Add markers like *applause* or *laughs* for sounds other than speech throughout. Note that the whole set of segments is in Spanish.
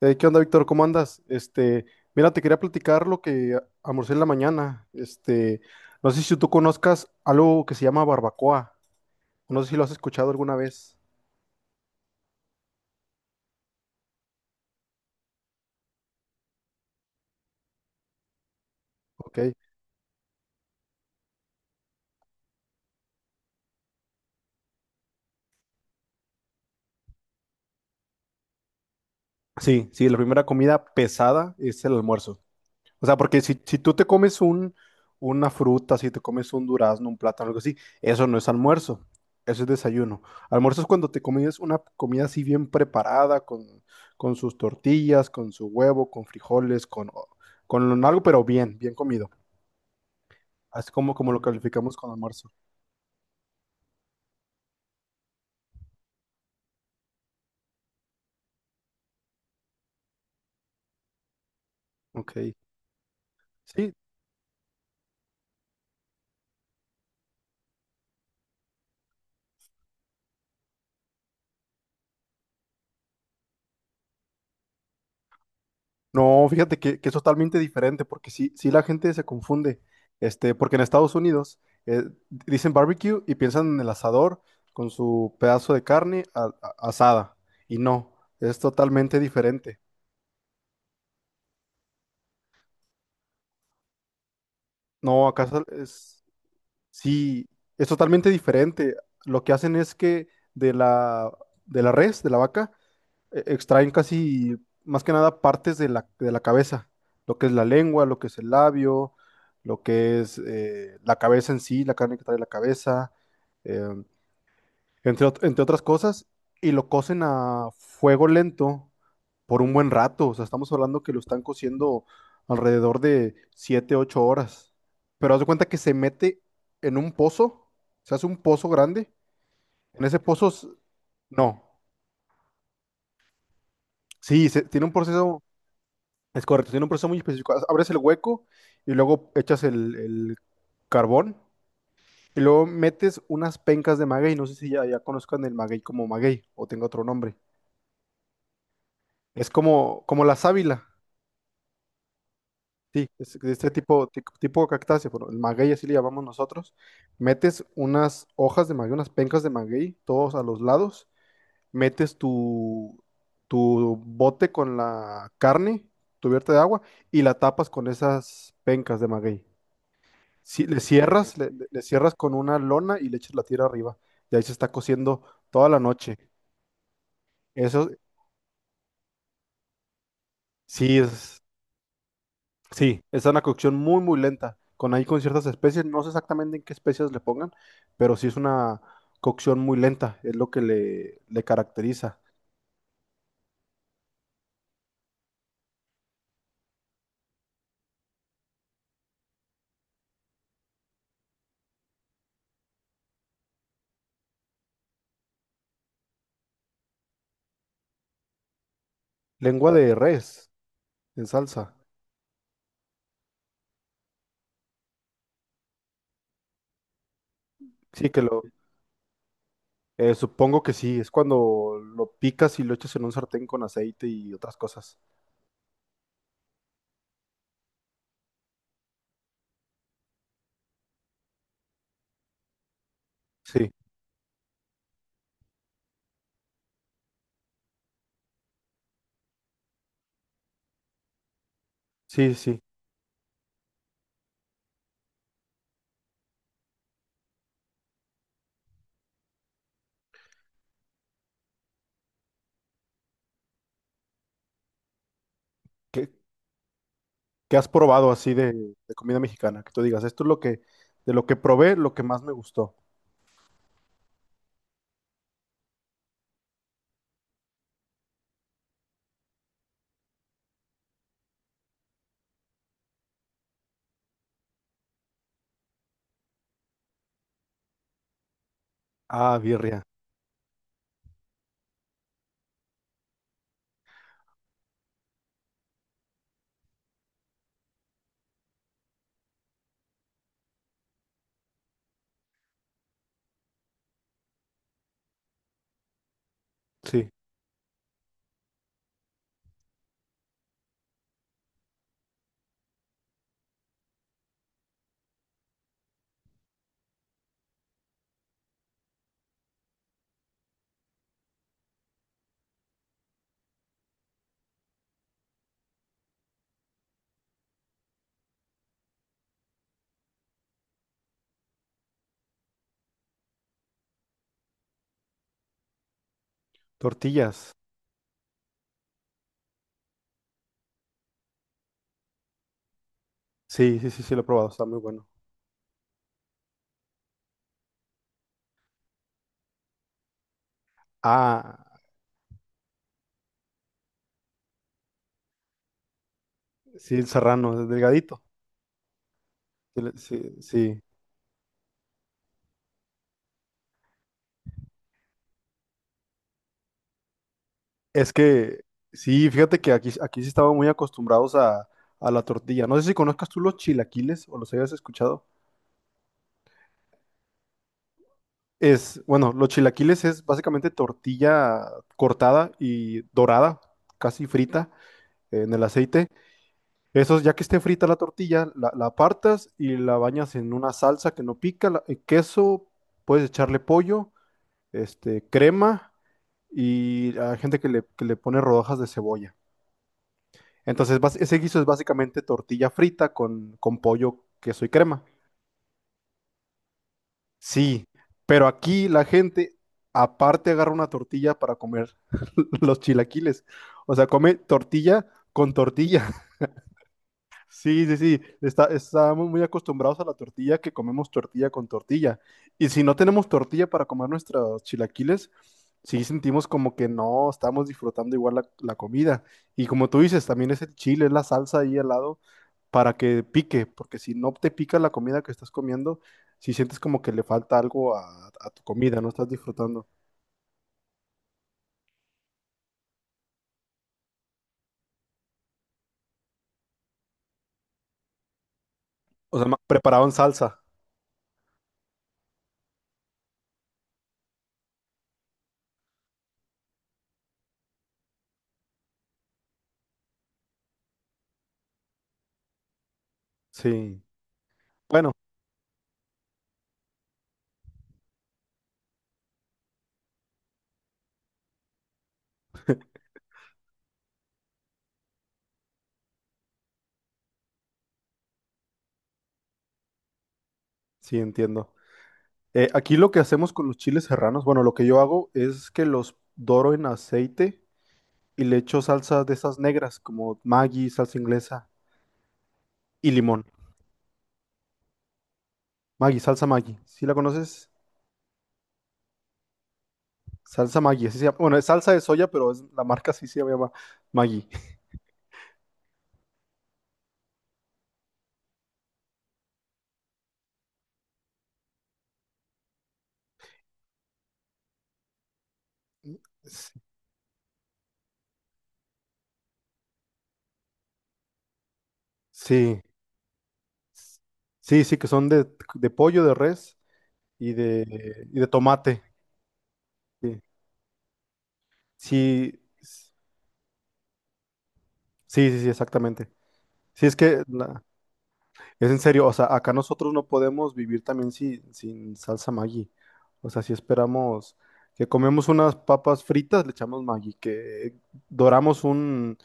¿Qué onda, Víctor? ¿Cómo andas? Mira, te quería platicar lo que almorcé en la mañana. No sé si tú conozcas algo que se llama barbacoa. No sé si lo has escuchado alguna vez. Ok. Sí, sí, la primera comida pesada es el almuerzo. O sea, porque si tú te comes una fruta, si te comes un durazno, un plátano, algo así, eso no es almuerzo, eso es desayuno. Almuerzo es cuando te comes una comida así bien preparada, con sus tortillas, con su huevo, con frijoles, con algo, pero bien, bien comido. Así como lo calificamos con almuerzo. Ok. Sí. No, fíjate que es totalmente diferente, porque sí, sí la gente se confunde. Porque en Estados Unidos eh, dicen barbecue y piensan en el asador con su pedazo de carne asada. Y no, es totalmente diferente. No, sí, es totalmente diferente. Lo que hacen es que de la, de la res, de la vaca, extraen casi, más que nada, partes de la cabeza, lo que es la lengua, lo que es el labio, lo que es la cabeza en sí, la carne que trae la cabeza, em, entre otras cosas, y lo cocen a fuego lento por un buen rato. O sea, estamos hablando que lo están cociendo alrededor de 7 u 8 horas, pero haz de cuenta que se mete en un pozo, se hace un pozo grande, en ese pozo, no, sí, tiene un proceso. Es correcto, tiene un proceso muy específico. Abres el hueco y luego echas el carbón y luego metes unas pencas de maguey. No sé si ya conozcan el maguey como maguey o tenga otro nombre. Es como, como la sábila, sí, es de este tipo, tipo de cactácea, pero el maguey así le llamamos nosotros. Metes unas hojas de maguey, unas pencas de maguey, todos a los lados. Metes tu, tu bote con la carne cubierta de agua y la tapas con esas pencas de maguey. Sí, le cierras, le cierras con una lona y le echas la tira arriba. Y ahí se está cociendo toda la noche. Eso sí es, sí, es una cocción muy, muy lenta. Con ahí con ciertas especies, no sé exactamente en qué especies le pongan, pero sí es una cocción muy lenta, es lo que le caracteriza. Lengua de res en salsa. Sí, supongo que sí, es cuando lo picas y lo echas en un sartén con aceite y otras cosas. Sí, sí, sí. ¿Qué, ¿Qué has probado así de comida mexicana? Que tú digas, esto es de lo que probé, lo que más me gustó. Ah, birria. Sí. Tortillas. Sí, sí, sí, sí, lo he probado. Está muy bueno. Ah, sí, el serrano, el delgadito. Sí, sí. Sí. Es que, sí, fíjate que aquí sí estaban muy acostumbrados a la tortilla. No sé si conozcas tú los chilaquiles o los hayas escuchado. Bueno, los chilaquiles es básicamente tortilla cortada y dorada, casi frita en el aceite. Eso, ya que esté frita la tortilla, la apartas y la bañas en una salsa que no pica, queso, puedes echarle pollo, crema y hay gente que le pone rodajas de cebolla. Entonces, ese guiso es básicamente tortilla frita con pollo, queso y crema. Sí, pero aquí la gente aparte agarra una tortilla para comer *laughs* los chilaquiles. O sea, come tortilla con tortilla. Sí, sí, sí. Estamos muy acostumbrados a la tortilla que comemos tortilla con tortilla. Y si no tenemos tortilla para comer nuestros chilaquiles, sí sentimos como que no estamos disfrutando igual la comida. Y como tú dices, también es el chile, es la salsa ahí al lado para que pique, porque si no te pica la comida que estás comiendo, si sientes como que le falta algo a tu comida, no estás disfrutando. O sea, más preparado en salsa. Sí. Bueno, sí entiendo. Aquí lo que hacemos con los chiles serranos, bueno, lo que yo hago es que los doro en aceite y le echo salsas de esas negras, como Maggi, salsa inglesa y limón. Maggi, salsa Maggi. ¿Sí la conoces? Salsa Maggi, así se llama. Bueno, es salsa de soya, la marca sí se llama Maggi. Sí, sí, s- sí, sí, que son de pollo, de res y de tomate. Sí, sí, sí, sí, sí, exactamente. Sí, es que es en serio. O sea, acá nosotros no podemos vivir también sin salsa Maggi. O sea, si esperamos que comemos unas papas fritas, le echamos Maggi, que doramos un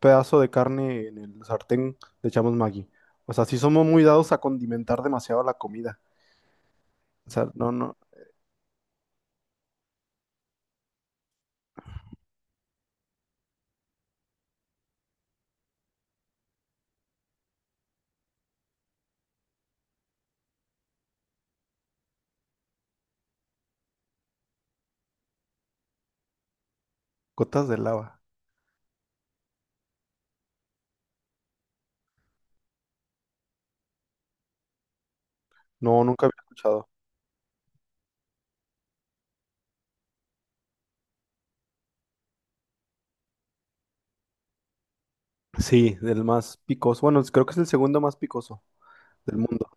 pedazo de carne en el sartén, le echamos Maggi. O sea, sí somos muy dados a condimentar demasiado la comida. O sea, no, no, gotas de lava. No, nunca había escuchado. Sí, del más picoso. Bueno, creo que es el segundo más picoso del mundo.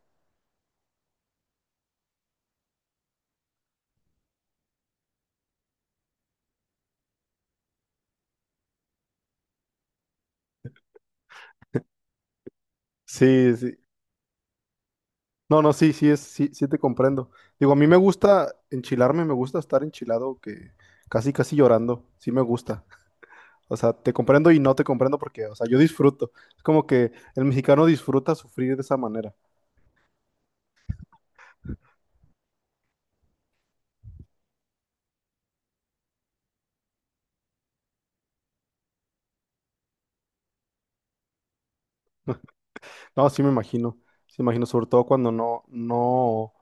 Sí, sí. No, no, sí, sí, sí, sí te comprendo. Digo, a mí me gusta enchilarme, me gusta estar enchilado, que casi, casi llorando, sí me gusta. *laughs* O sea, te comprendo y no te comprendo porque, o sea, yo disfruto. Es como que el mexicano disfruta sufrir de esa manera. No, sí me imagino, sobre todo cuando no, no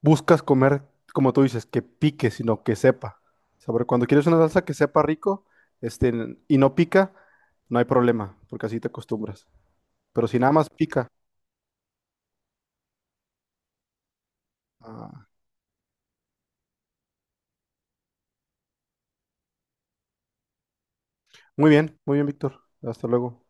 buscas comer, como tú dices, que pique, sino que sepa. O sea, sobre cuando quieres una salsa que sepa rico, y no pica, no hay problema, porque así te acostumbras. Pero si nada más pica, ah, muy bien, muy bien, Víctor. Hasta luego.